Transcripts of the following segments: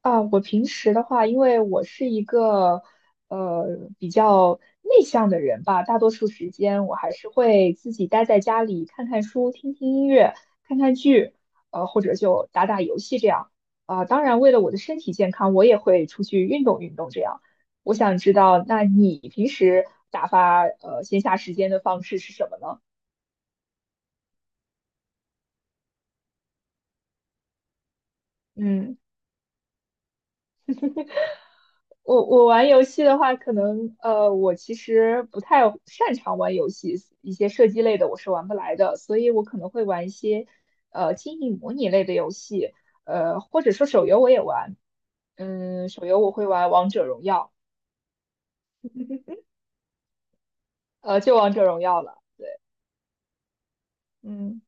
啊，我平时的话，因为我是一个呃比较内向的人吧，大多数时间我还是会自己待在家里看看书、听听音乐、看看剧，或者就打打游戏这样。啊，当然，为了我的身体健康，我也会出去运动运动这样。我想知道，那你平时打发闲暇时间的方式是什么呢？嗯。我玩游戏的话，可能我其实不太擅长玩游戏，一些射击类的我是玩不来的，所以我可能会玩一些经营模拟类的游戏，或者说手游我也玩，嗯，手游我会玩王者荣耀，呃就王者荣耀了，对，嗯。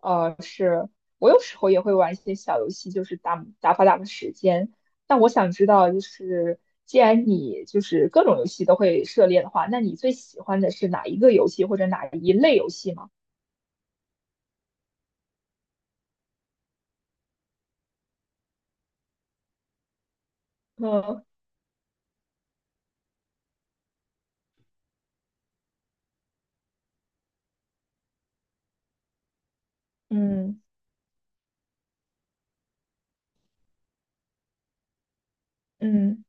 是我有时候也会玩一些小游戏，就是打发时间。但我想知道，就是既然你就是各种游戏都会涉猎的话，那你最喜欢的是哪一个游戏或者哪一类游戏吗？嗯嗯嗯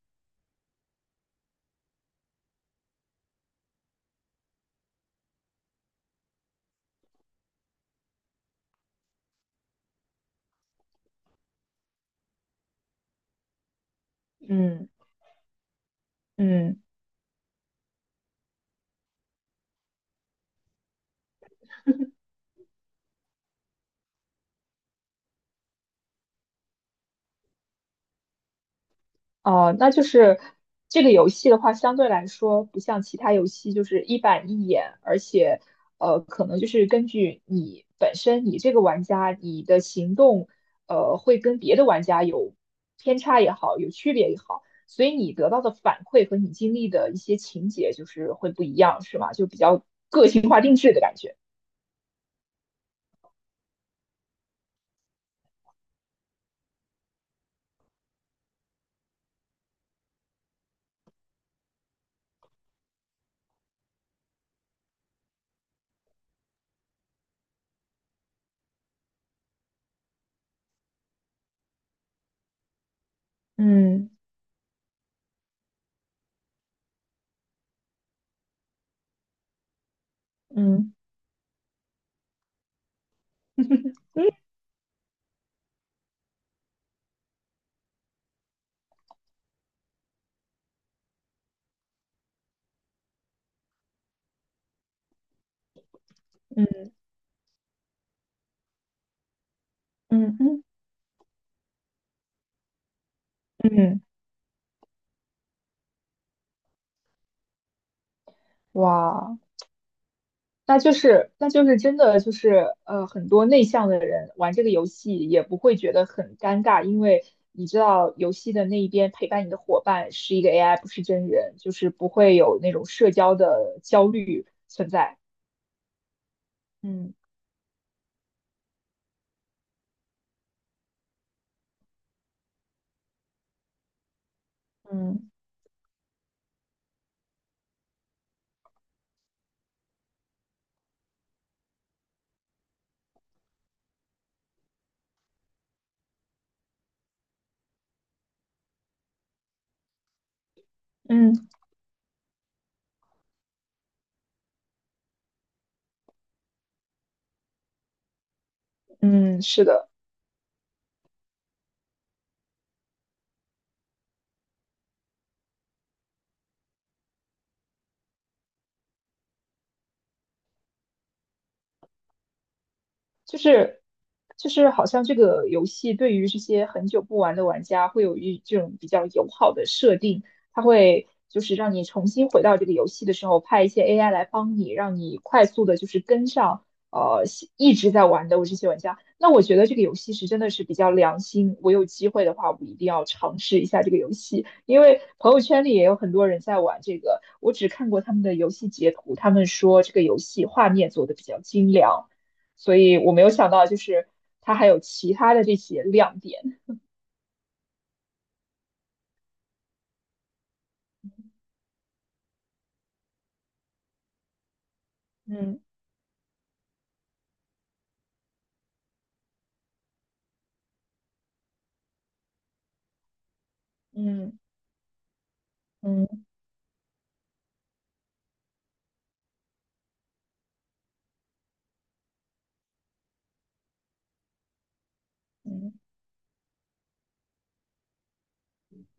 嗯嗯。哦，那就是这个游戏的话，相对来说不像其他游戏就是一板一眼，而且可能就是根据你本身你这个玩家你的行动，呃，会跟别的玩家有偏差也好，有区别也好，所以你得到的反馈和你经历的一些情节就是会不一样，是吗？就比较个性化定制的感觉。嗯嗯嗯嗯嗯，嗯，哇。那就是真的就是很多内向的人玩这个游戏也不会觉得很尴尬，因为你知道游戏的那一边陪伴你的伙伴是一个 AI,不是真人，就是不会有那种社交的焦虑存在。嗯嗯嗯嗯，是的。就是就是好像这个游戏对于这些很久不玩的玩家会有一这种比较友好的设定，它会就是让你重新回到这个游戏的时候，派一些 AI 来帮你，让你快速的就是跟上一直在玩的我这些玩家。那我觉得这个游戏是真的是比较良心，我有机会的话，我一定要尝试一下这个游戏，因为朋友圈里也有很多人在玩这个，我只看过他们的游戏截图，他们说这个游戏画面做的比较精良。所以我没有想到就是它还有其他的这些亮点。嗯嗯嗯嗯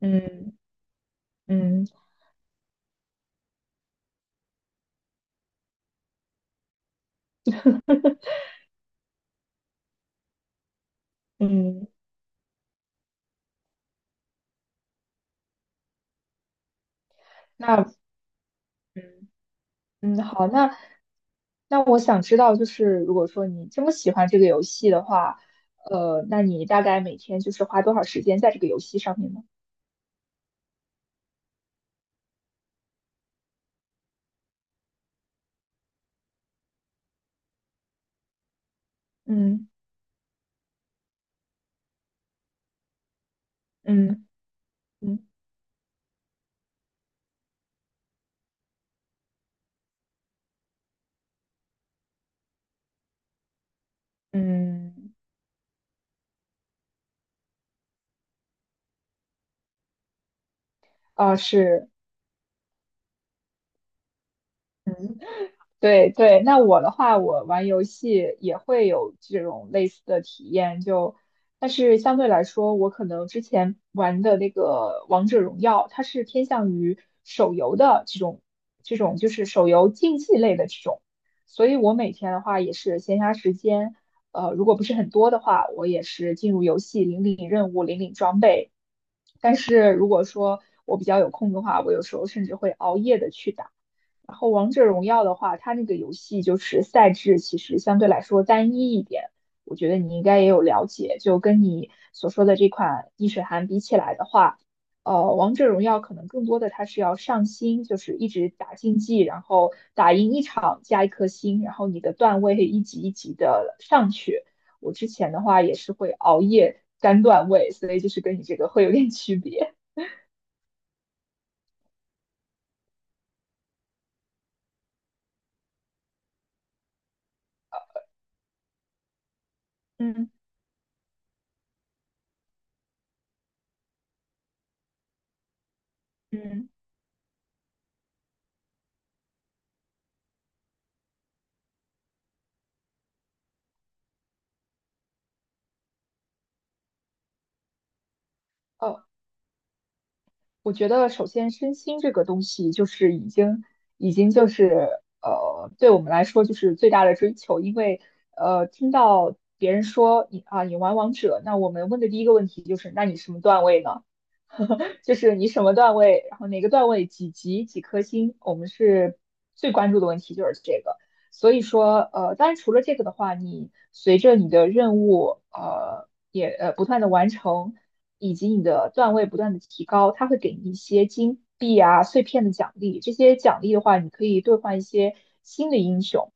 嗯嗯嗯，那嗯嗯好，那那我想知道，就是如果说你这么喜欢这个游戏的话，呃，那你大概每天就是花多少时间在这个游戏上面呢？嗯嗯嗯嗯，啊是，嗯。对对，那我的话，我玩游戏也会有这种类似的体验，就，但是相对来说，我可能之前玩的那个王者荣耀，它是偏向于手游的这种，这种就是手游竞技类的这种，所以我每天的话也是闲暇时间，呃，如果不是很多的话，我也是进入游戏领任务、领装备，但是如果说我比较有空的话，我有时候甚至会熬夜的去打。然后王者荣耀的话，它那个游戏就是赛制其实相对来说单一一点，我觉得你应该也有了解。就跟你所说的这款逆水寒比起来的话，呃，王者荣耀可能更多的它是要上星，就是一直打竞技，然后打赢一场加一颗星，然后你的段位一级一级的上去。我之前的话也是会熬夜干段位，所以就是跟你这个会有点区别。嗯嗯，哦。我觉得首先身心这个东西就是已经就是呃，对我们来说就是最大的追求，因为呃，听到别人说你啊你玩王者，那我们问的第一个问题就是，那你什么段位呢？就是你什么段位，然后哪个段位几级几颗星，我们是最关注的问题就是这个。所以说，呃，当然除了这个的话，你随着你的任务，呃，也不断的完成，以及你的段位不断的提高，它会给你一些金币啊、碎片的奖励。这些奖励的话，你可以兑换一些新的英雄，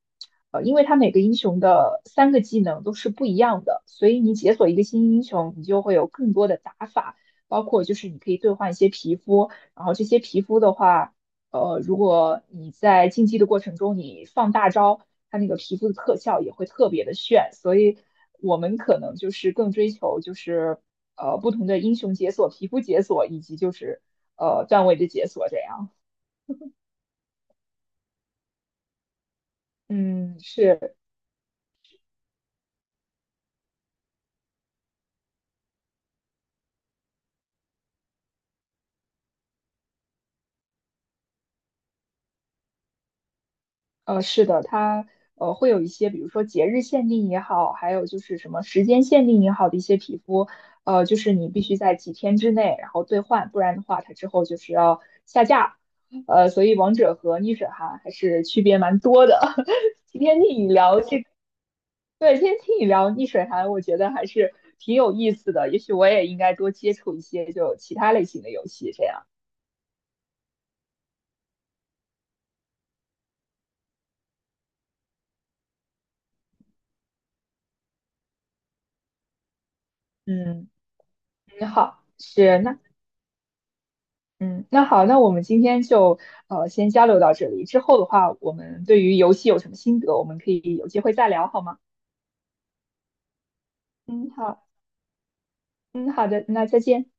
呃，因为它每个英雄的三个技能都是不一样的，所以你解锁一个新英雄，你就会有更多的打法包括就是你可以兑换一些皮肤，然后这些皮肤的话，呃，如果你在竞技的过程中你放大招，它那个皮肤的特效也会特别的炫，所以我们可能就是更追求就是不同的英雄解锁、皮肤解锁以及就是段位的解锁这样。嗯，是。呃，是的，它会有一些，比如说节日限定也好，还有就是什么时间限定也好的一些皮肤，呃，就是你必须在几天之内然后兑换，不然的话它之后就是要下架。呃，所以王者和逆水寒还是区别蛮多的。今天听你聊这，对，今天听你聊逆水寒，我觉得还是挺有意思的。也许我也应该多接触一些就其他类型的游戏，这样。嗯，你好，是那。嗯，那好，那我们今天就先交流到这里。之后的话，我们对于游戏有什么心得，我们可以有机会再聊，好吗？嗯，好，嗯，好的，那再见。